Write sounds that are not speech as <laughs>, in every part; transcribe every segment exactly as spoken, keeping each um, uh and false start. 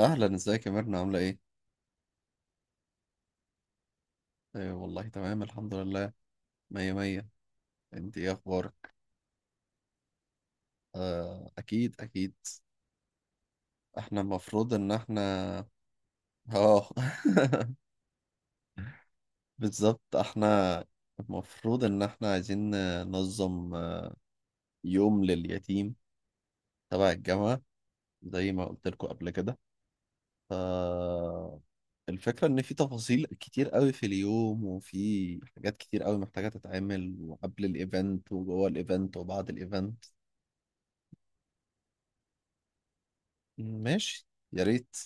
اهلا، ازيك يا ميرنا، عامله ايه؟ أيوة والله تمام الحمد لله. مية مية. انت ايه اخبارك؟ آه اكيد اكيد. احنا المفروض ان احنا اه <laughs> بالظبط. احنا المفروض ان احنا عايزين ننظم يوم لليتيم تبع الجامعه، زي ما قلت لكم قبل كده. ف الفكره ان في تفاصيل كتير قوي في اليوم، وفي حاجات كتير قوي محتاجه تتعمل، وقبل الايفنت وجوه الايفنت وبعد الايفنت. ماشي، يا ريت.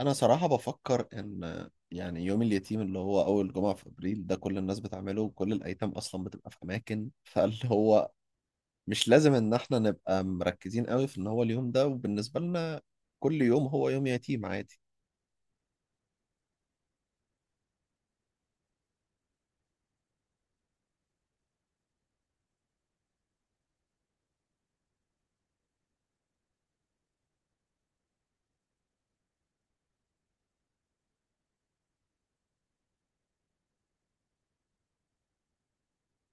انا صراحة بفكر ان يعني يوم اليتيم اللي هو اول جمعة في ابريل ده كل الناس بتعمله، وكل الايتام اصلا بتبقى في اماكن، فاللي هو مش لازم ان احنا نبقى مركزين قوي في ان هو اليوم ده، وبالنسبة لنا كل يوم هو يوم يتيم عادي.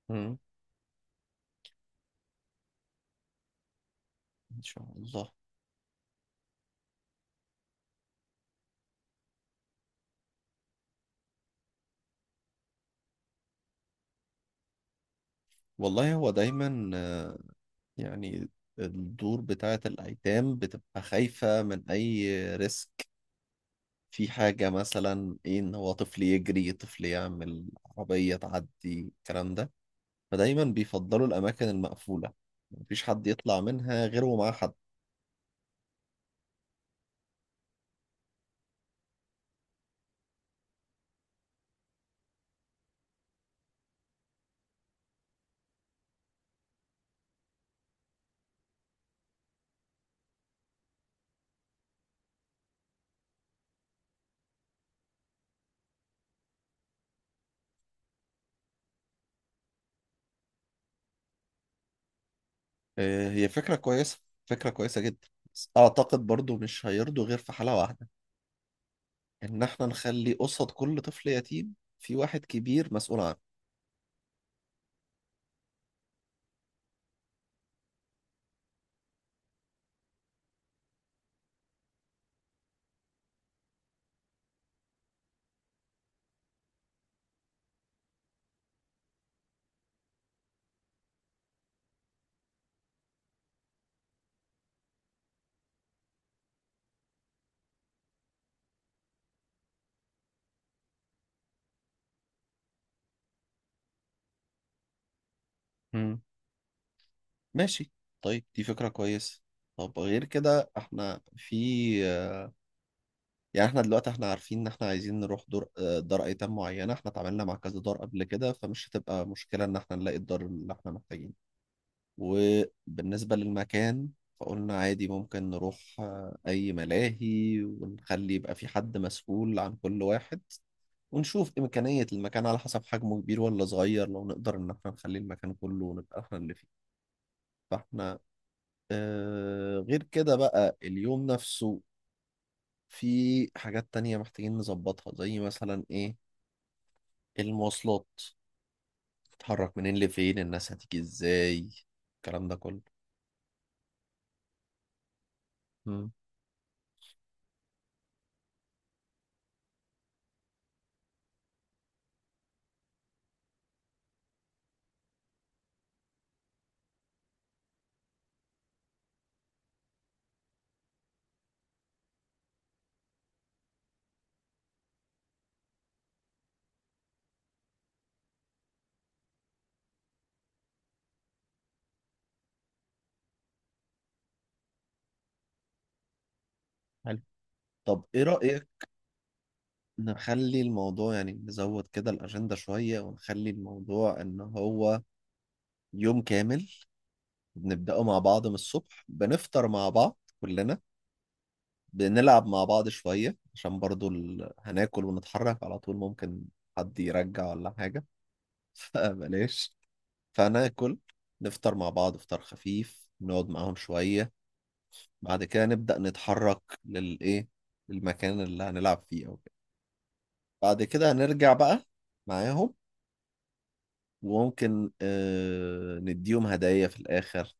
مم. ان شاء الله. والله هو دايما آه، يعني الدور بتاعة الايتام بتبقى خايفة من اي ريسك. في حاجة مثلا إيه، إن هو طفل يجري، طفل يعمل عربية تعدي، الكلام ده. فدايما بيفضلوا الأماكن المقفولة، مفيش حد يطلع منها غير ومعاه حد. آه، هي فكرة كويسة. فكرة كويسة جدا. بس أعتقد برضو مش هيرضوا غير في حالة واحدة، إن إحنا نخلي قصاد كل طفل يتيم في واحد كبير مسؤول عنه. مم. ماشي. طيب دي فكرة كويسة. طب غير كده إحنا في، يعني احنا دلوقتي احنا عارفين ان احنا عايزين نروح دور، آه، دار ايتام معينه. احنا اتعاملنا مع كذا دار قبل كده، فمش هتبقى مشكله ان احنا نلاقي الدار اللي احنا محتاجينه. وبالنسبه للمكان، فقلنا عادي ممكن نروح آه، اي ملاهي، ونخلي يبقى في حد مسؤول عن كل واحد. ونشوف إمكانية المكان على حسب حجمه كبير ولا صغير، لو نقدر إن احنا نخلي المكان كله ونبقى احنا اللي فيه. فاحنا آه غير كده بقى اليوم نفسه، في حاجات تانية محتاجين نظبطها، زي مثلا إيه، المواصلات، تتحرك منين لفين، الناس هتيجي ازاي، الكلام ده كله. امم. حلو. طب ايه رأيك نخلي الموضوع، يعني نزود كده الأجندة شوية، ونخلي الموضوع إن هو يوم كامل. بنبدأه مع بعض من الصبح، بنفطر مع بعض كلنا، بنلعب مع بعض شوية، عشان برضو ال هناكل ونتحرك على طول، ممكن حد يرجع ولا حاجة. <laughs> فبلاش. فهناكل، نفطر مع بعض فطار خفيف، نقعد معاهم شوية، بعد كده نبدأ نتحرك للإيه، للمكان اللي هنلعب فيه أو كده. بعد كده هنرجع بقى معاهم. وممكن آه نديهم هدايا في الآخر.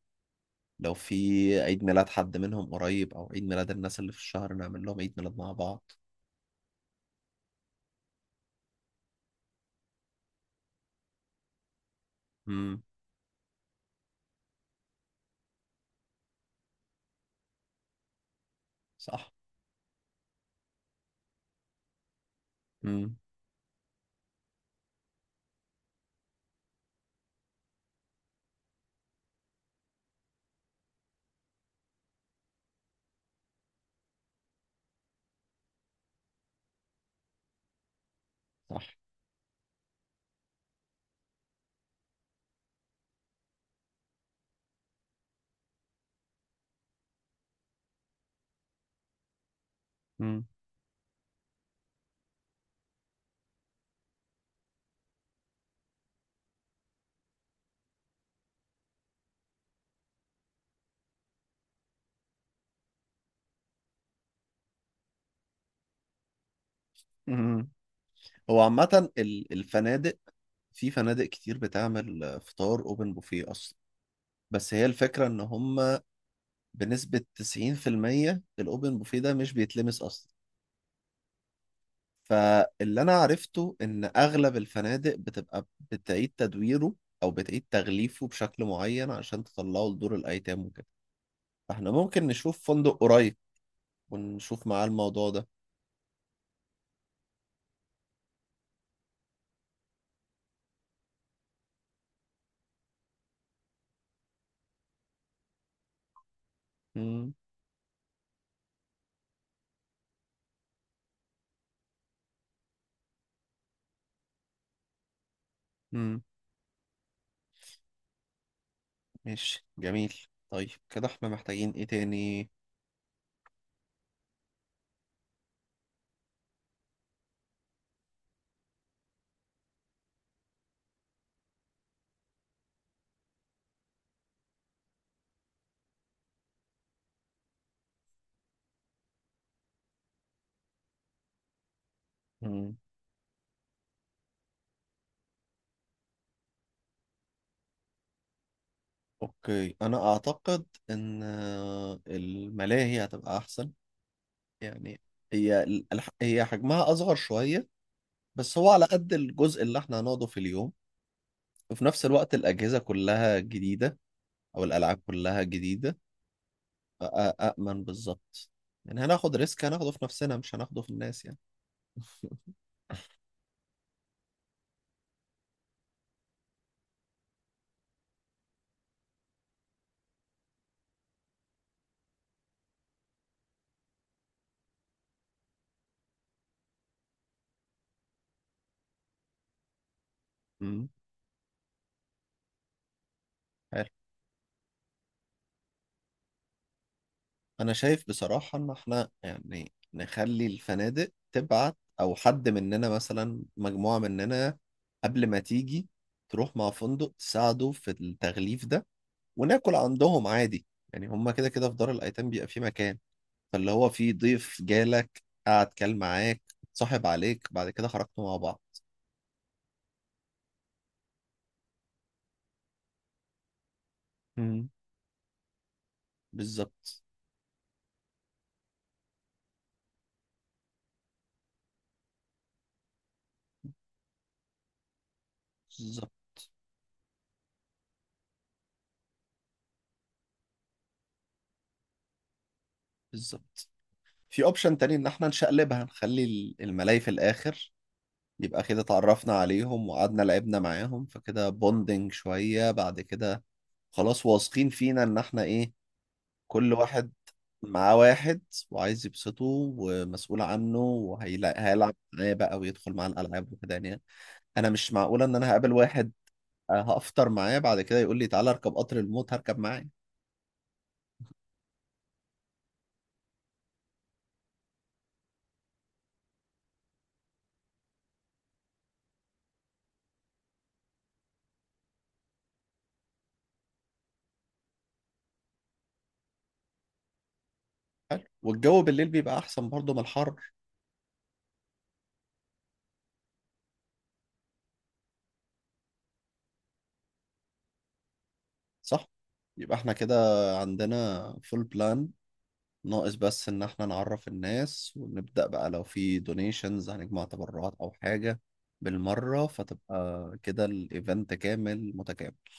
لو في عيد ميلاد حد منهم قريب، أو عيد ميلاد الناس اللي في الشهر، نعمل لهم عيد ميلاد مع بعض. امم. صح. امم. صح. امم. امم. هو عامة ال- الفنادق، في فنادق كتير بتعمل آه، فطار أوبن بوفيه أصلا. بس هي الفكرة إن هم بنسبة تسعين في المية الأوبن بوفيه ده مش بيتلمس أصلا. فاللي انا عرفته ان اغلب الفنادق بتبقى بتعيد تدويره، او بتعيد تغليفه بشكل معين عشان تطلعه لدور الايتام وكده. فاحنا ممكن نشوف فندق قريب، ونشوف معاه الموضوع ده. مم. مم. ماشي، جميل. طيب كده احنا محتاجين ايه تاني؟ مم. اوكي، انا اعتقد ان آه، الملاهي هتبقى احسن، يعني هي هي حجمها اصغر شوية، بس هو على قد الجزء اللي احنا هنقعده في اليوم. وفي نفس الوقت الأجهزة كلها جديدة، أو الألعاب كلها جديدة. فأأمن بالظبط، يعني هناخد ريسك، هناخده في نفسنا مش هناخده في الناس يعني. امم. حلو. أنا شايف بصراحة إن إحنا يعني نخلي الفنادق تبعت، أو حد مننا مثلا مجموعة مننا قبل ما تيجي تروح مع فندق، تساعده في التغليف ده، وناكل عندهم عادي. يعني هما كده كده في دار الأيتام بيبقى في مكان، فاللي هو في ضيف جالك قعد كان معاك، صاحب عليك، بعد كده خرجتوا مع بعض. مم. بالظبط. بالظبط. بالظبط. في اوبشن تاني ان احنا نشقلبها، نخلي ال- الملاي في الاخر. يبقى كده اتعرفنا عليهم وقعدنا لعبنا معاهم، فكده بوندنج شوية، بعد كده خلاص واثقين فينا ان احنا ايه. كل واحد معاه واحد، وعايز يبسطه، ومسؤول عنه، وهيلعب معاه بقى ويدخل معاه الالعاب وكده يعني. انا مش معقولة ان انا هقابل واحد هفطر معاه، بعد كده يقول لي تعالى اركب قطر الموت، هركب معاه. حلو، والجو بالليل بيبقى احسن برضه من الحر. صح. يبقى احنا كده عندنا فول بلان. ناقص بس ان احنا نعرف الناس، ونبدأ بقى لو في دونيشنز هنجمع تبرعات او حاجة بالمرة، فتبقى كده الايفنت كامل متكامل.